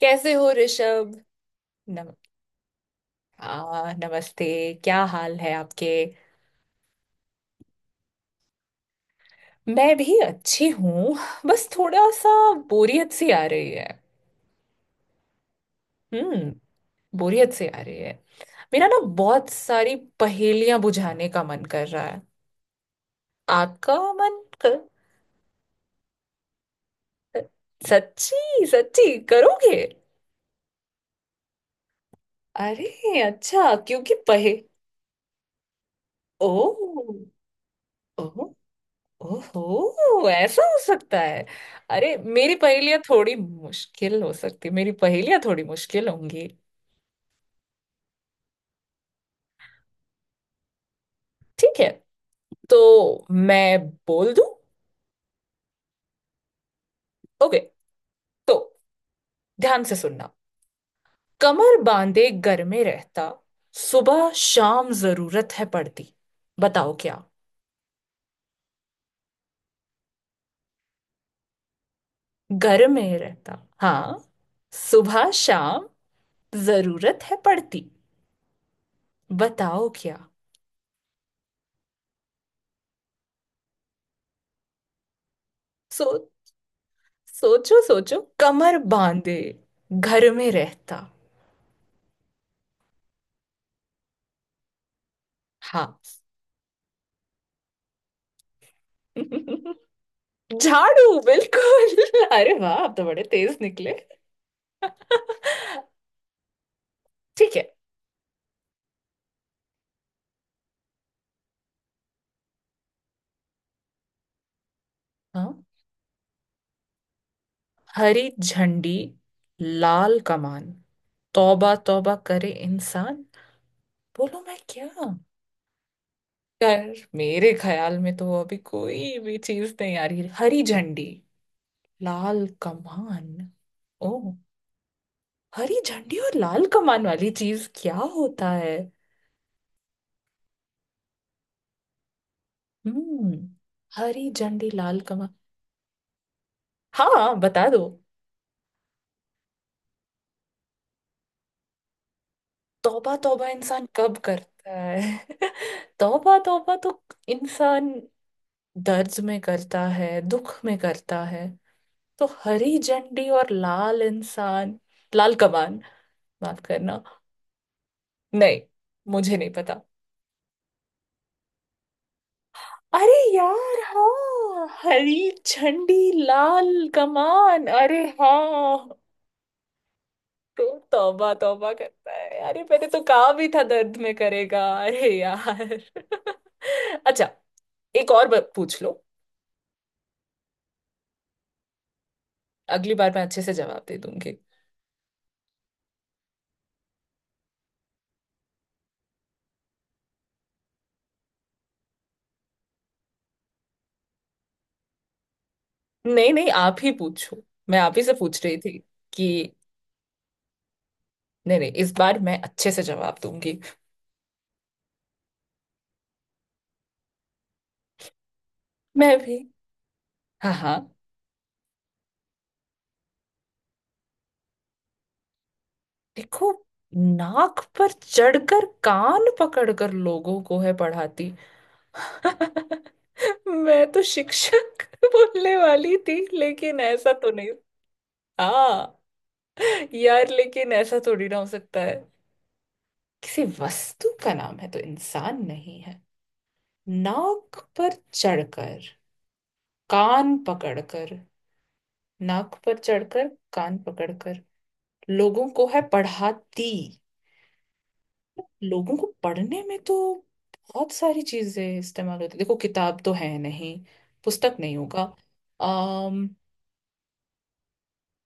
कैसे हो, ऋषभ। नम नमस्ते। क्या हाल है आपके। मैं भी अच्छी हूँ। बस थोड़ा सा बोरियत सी आ रही है। हम्म। बोरियत सी आ रही है। मेरा ना बहुत सारी पहेलियां बुझाने का मन कर रहा है। आपका मन कर। सच्ची सच्ची करोगे। अरे अच्छा, क्योंकि पहे ओ। ओ। ओहो, ऐसा हो सकता है। अरे, मेरी पहेलियां थोड़ी मुश्किल होंगी। ठीक है, तो मैं बोल दूं। ओके, तो ध्यान से सुनना। कमर बांधे घर में रहता, सुबह शाम जरूरत है पड़ती, बताओ क्या। घर में रहता, हाँ। सुबह शाम जरूरत है पड़ती। बताओ क्या। सो सोचो सोचो, कमर बांधे घर में रहता। हाँ। झाड़ू, बिल्कुल। अरे वाह, आप तो बड़े तेज निकले। ठीक है। हाँ, हरी झंडी, लाल कमान, तौबा तौबा करे इंसान, बोलो मैं क्या। यार, मेरे ख्याल में तो अभी कोई भी चीज नहीं आ रही। हरी झंडी, लाल कमान। ओ। हरी झंडी और लाल कमान वाली चीज क्या होता है। हम्म। हरी झंडी, लाल कमान। हाँ, बता दो। तौबा तौबा इंसान कब करता है? तौबा तौबा तो इंसान दर्द में करता है, दुख में करता है। तो हरी झंडी और लाल कमान। माफ करना। नहीं, मुझे नहीं पता। अरे यार, हाँ, हरी झंडी, लाल कमान, अरे हाँ। तो तौबा तौबा करता है। अरे, मैंने तो कहा भी था दर्द में करेगा। अरे यार। अच्छा। एक और पूछ लो। अगली बार मैं अच्छे से जवाब दे दूंगी। नहीं नहीं, आप ही पूछो। मैं आप ही से पूछ रही थी कि, नहीं नहीं, इस बार मैं अच्छे से जवाब दूंगी। मैं भी। हाँ हाँ। देखो, नाक पर चढ़कर कान पकड़कर लोगों को है पढ़ाती। मैं तो शिक्षक बोलने वाली थी, लेकिन ऐसा तो नहीं। हाँ। यार, लेकिन ऐसा थोड़ी ना हो सकता है। किसी वस्तु का नाम है, तो इंसान नहीं है। नाक पर चढ़कर कान पकड़कर। नाक पर चढ़कर कान पकड़कर लोगों को है पढ़ाती। लोगों को पढ़ने में तो बहुत सारी चीजें इस्तेमाल होती। देखो, किताब तो है नहीं। पुस्तक नहीं होगा। अम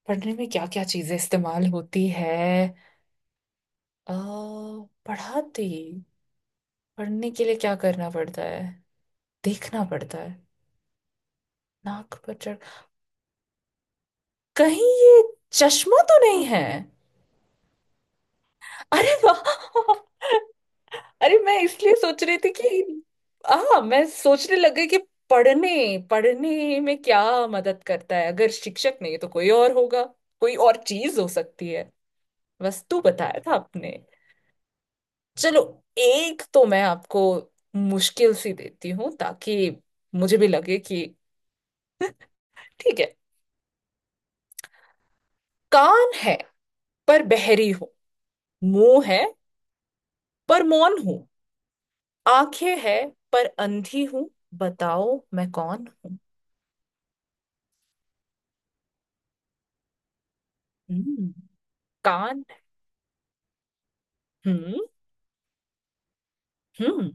पढ़ने में क्या क्या चीजें इस्तेमाल होती है। अ पढ़ाती। पढ़ने के लिए क्या करना पड़ता है? देखना पड़ता है। नाक पर चढ़। कहीं ये चश्मा तो नहीं है? अरे वाह। अरे, मैं इसलिए सोच रही थी कि। हाँ, मैं सोचने लग गई कि पढ़ने पढ़ने में क्या मदद करता है। अगर शिक्षक नहीं, तो कोई और होगा। कोई और चीज हो सकती है। वस्तु बताया था आपने। चलो, एक तो मैं आपको मुश्किल सी देती हूँ, ताकि मुझे भी लगे कि। ठीक है। कान है पर बहरी हूं, मुंह है पर मौन हूं, आंखें है पर अंधी हूं, बताओ मैं कौन हूँ। हम्म। कान। हम्म हम्म,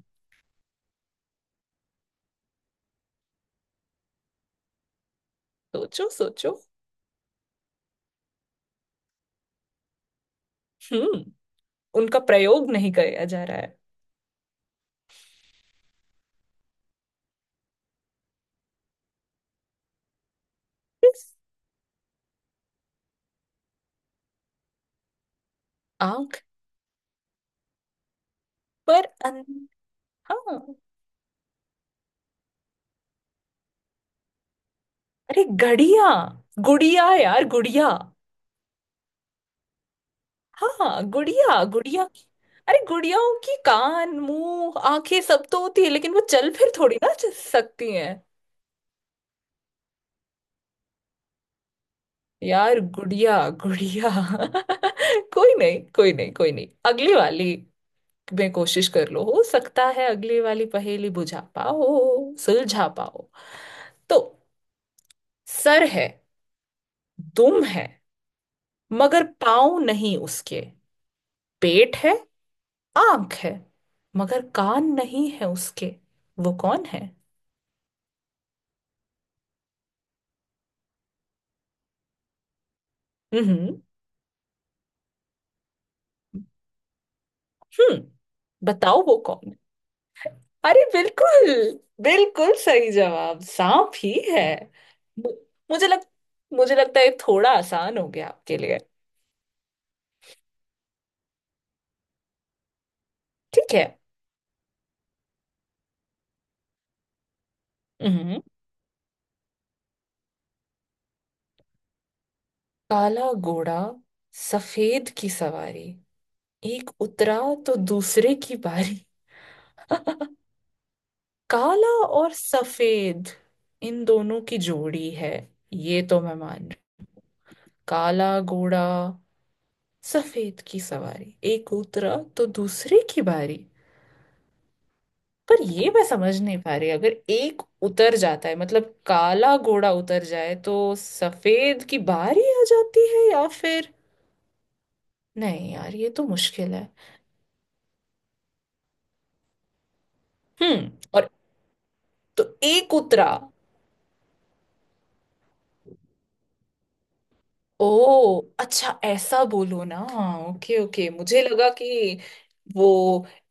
सोचो सोचो। हम्म उनका प्रयोग नहीं किया जा रहा है। किस। आंख। पर अन... हाँ। अरे, घड़िया गुड़िया, यार, गुड़िया। हाँ, गुड़िया गुड़िया अरे, गुड़ियाओं की कान मुंह आंखें सब तो होती है, लेकिन वो चल फिर थोड़ी ना सकती हैं। यार, गुड़िया गुड़िया। कोई नहीं, कोई नहीं, कोई नहीं, अगली वाली में कोशिश कर लो, हो सकता है अगली वाली पहेली बुझा पाओ, सुलझा पाओ। तो सर है, दुम है, मगर पाँव नहीं उसके, पेट है, आंख है, मगर कान नहीं है उसके, वो कौन है। हम्म। हम्म। बताओ वो कौन है। अरे बिल्कुल, बिल्कुल सही जवाब, सांप ही है। मु- मुझे लग मुझे लगता है ये थोड़ा आसान हो गया आपके लिए। ठीक है। हम्म। काला घोड़ा, सफेद की सवारी, एक उतरा तो दूसरे की बारी। काला और सफेद, इन दोनों की जोड़ी है, ये तो मैं मान रही। काला घोड़ा, सफेद की सवारी, एक उतरा तो दूसरे की बारी। पर ये मैं समझ नहीं पा रही, अगर एक उतर जाता है, मतलब काला घोड़ा उतर जाए तो सफेद की बारी आ जाती है, या फिर। नहीं यार, ये तो मुश्किल है। हम्म। और तो एक उतरा। ओ अच्छा, ऐसा बोलो ना। ओके ओके, मुझे लगा कि वो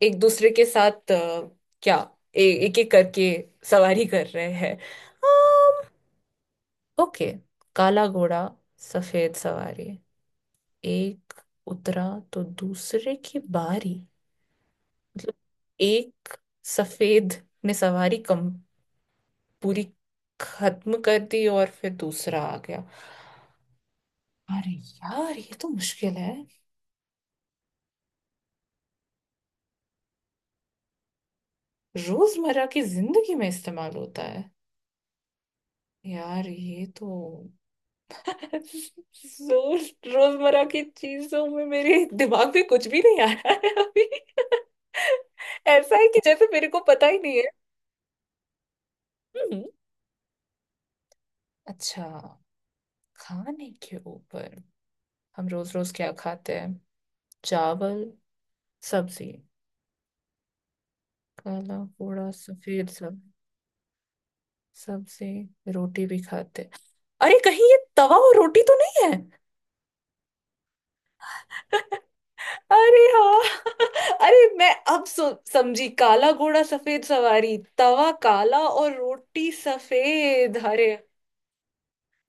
एक दूसरे के साथ क्या, एक एक करके सवारी कर रहे हैं। ओके। काला घोड़ा, सफेद सवारी, एक उतरा तो दूसरे की बारी, मतलब एक सफेद ने सवारी कम, पूरी खत्म कर दी और फिर दूसरा आ गया। अरे यार, ये तो मुश्किल है। रोजमर्रा की जिंदगी में इस्तेमाल होता है। यार ये तो जोर, रोजमर्रा की चीजों में मेरे दिमाग में कुछ भी नहीं आ रहा है अभी। ऐसा है कि जैसे मेरे को पता ही नहीं है। हम्म, अच्छा। खाने के ऊपर। हम रोज रोज क्या खाते हैं? चावल, सब्जी, काला पोड़ा सफेद सब, सब्जी, रोटी भी खाते हैं। अरे कहीं ये तवा और रोटी तो नहीं है? अरे हाँ। अरे मैं अब सो समझी, काला घोड़ा सफेद सवारी, तवा काला और रोटी सफेद, अरे।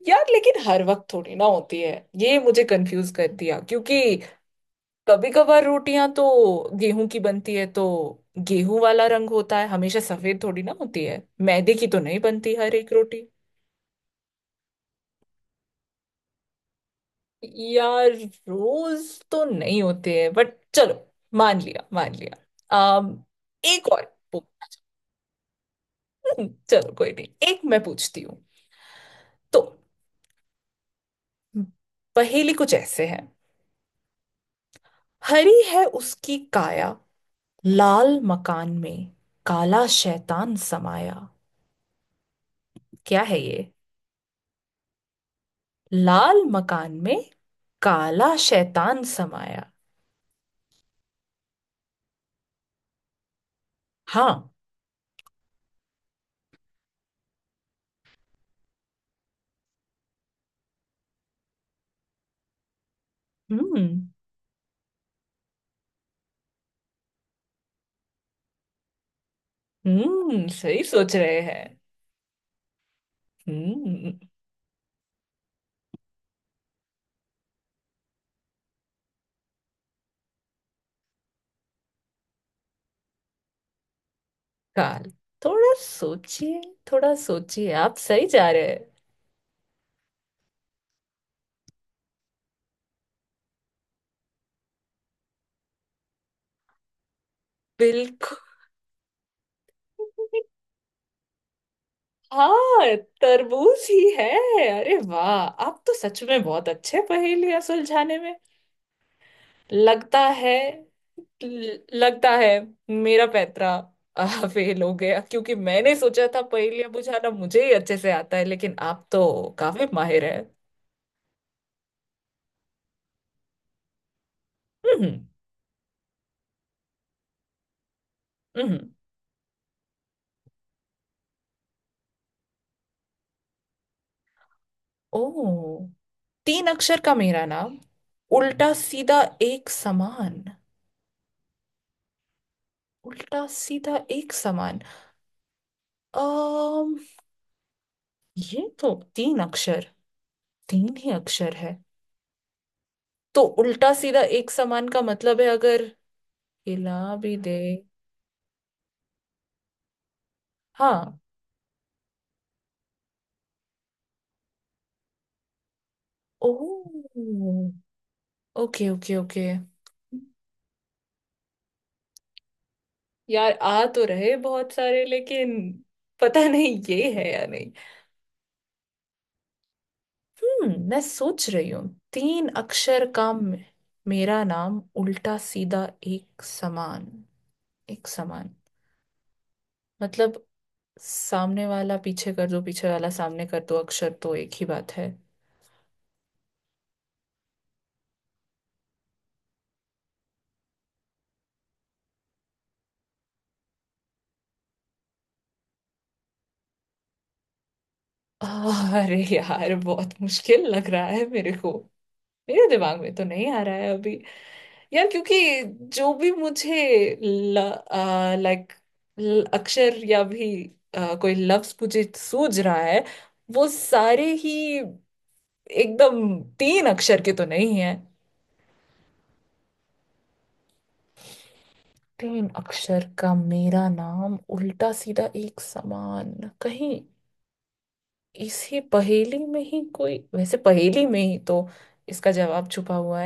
यार लेकिन हर वक्त थोड़ी ना होती है। ये मुझे कंफ्यूज कर दिया, क्योंकि कभी कभार रोटियां तो गेहूं की बनती है, तो गेहूं वाला रंग होता है, हमेशा सफेद थोड़ी ना होती है। मैदे की तो नहीं बनती हर एक रोटी। यार, रोज तो नहीं होते हैं, बट चलो, मान लिया मान लिया। अम एक और। चलो कोई नहीं, एक मैं पूछती हूँ। तो। हम्म, पहेली कुछ ऐसे है। हरी है उसकी काया, लाल मकान में काला शैतान समाया। क्या है ये? लाल मकान में काला शैतान समाया। हाँ। हम्म सही सोच रहे हैं। हम्म। काल थोड़ा सोचिए, थोड़ा सोचिए, आप सही जा रहे हैं। बिल्कुल। हाँ, तरबूज ही है। अरे वाह, आप तो सच में बहुत अच्छे पहेलियां सुलझाने में। लगता है, लगता है मेरा पैतरा फेल हो गया, क्योंकि मैंने सोचा था पहेलियां बुझाना मुझे ही अच्छे से आता है, लेकिन आप तो काफी माहिर है। हम्म, हम्म। ओ। तीन अक्षर का मेरा नाम, उल्टा सीधा एक समान। उल्टा सीधा एक समान। अम ये तो तीन ही अक्षर है। तो उल्टा सीधा एक समान का मतलब है, अगर हिला भी दे। हाँ। ओह, ओके ओके ओके। यार आ तो रहे बहुत सारे, लेकिन पता नहीं ये है या नहीं। मैं सोच रही हूँ। तीन अक्षर का मेरा नाम उल्टा सीधा एक समान। एक समान मतलब, सामने वाला पीछे कर दो, पीछे वाला सामने कर दो, अक्षर तो एक ही बात है। अरे यार, बहुत मुश्किल लग रहा है मेरे को। मेरे दिमाग में तो नहीं आ रहा है अभी। यार, क्योंकि जो भी मुझे, लाइक, अक्षर या भी कोई लफ्ज मुझे सूझ रहा है, वो सारे ही एकदम तीन अक्षर के तो नहीं है। तीन अक्षर का मेरा नाम, उल्टा सीधा एक समान। कहीं इसी पहेली में ही, कोई वैसे पहेली में ही तो इसका जवाब छुपा हुआ।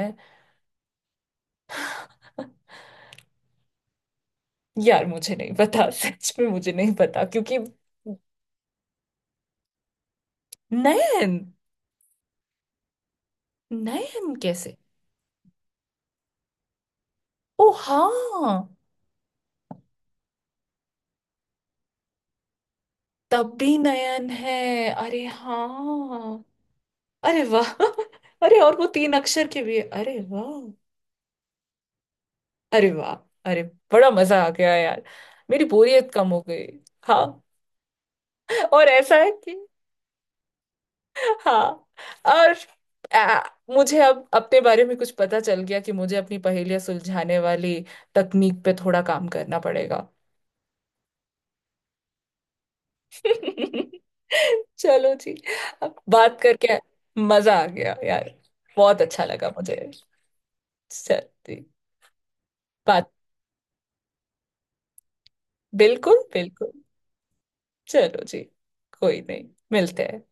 यार मुझे नहीं पता। सच में मुझे नहीं पता, क्योंकि। नयन। नयन कैसे? ओ हाँ। तब भी नयन है। अरे हाँ। अरे वाह। अरे और वो तीन अक्षर के भी है। अरे वाह। अरे वाह। अरे, बड़ा मजा आ गया यार, मेरी बोरियत कम हो गई। हाँ। और ऐसा है कि। हाँ। और आ, मुझे अब अपने बारे में कुछ पता चल गया कि मुझे अपनी पहेलियां सुलझाने वाली तकनीक पे थोड़ा काम करना पड़ेगा। चलो जी। अब बात करके मजा आ गया यार। बहुत अच्छा लगा मुझे। सर। जी। बात। बिल्कुल बिल्कुल। चलो जी। कोई नहीं, मिलते हैं।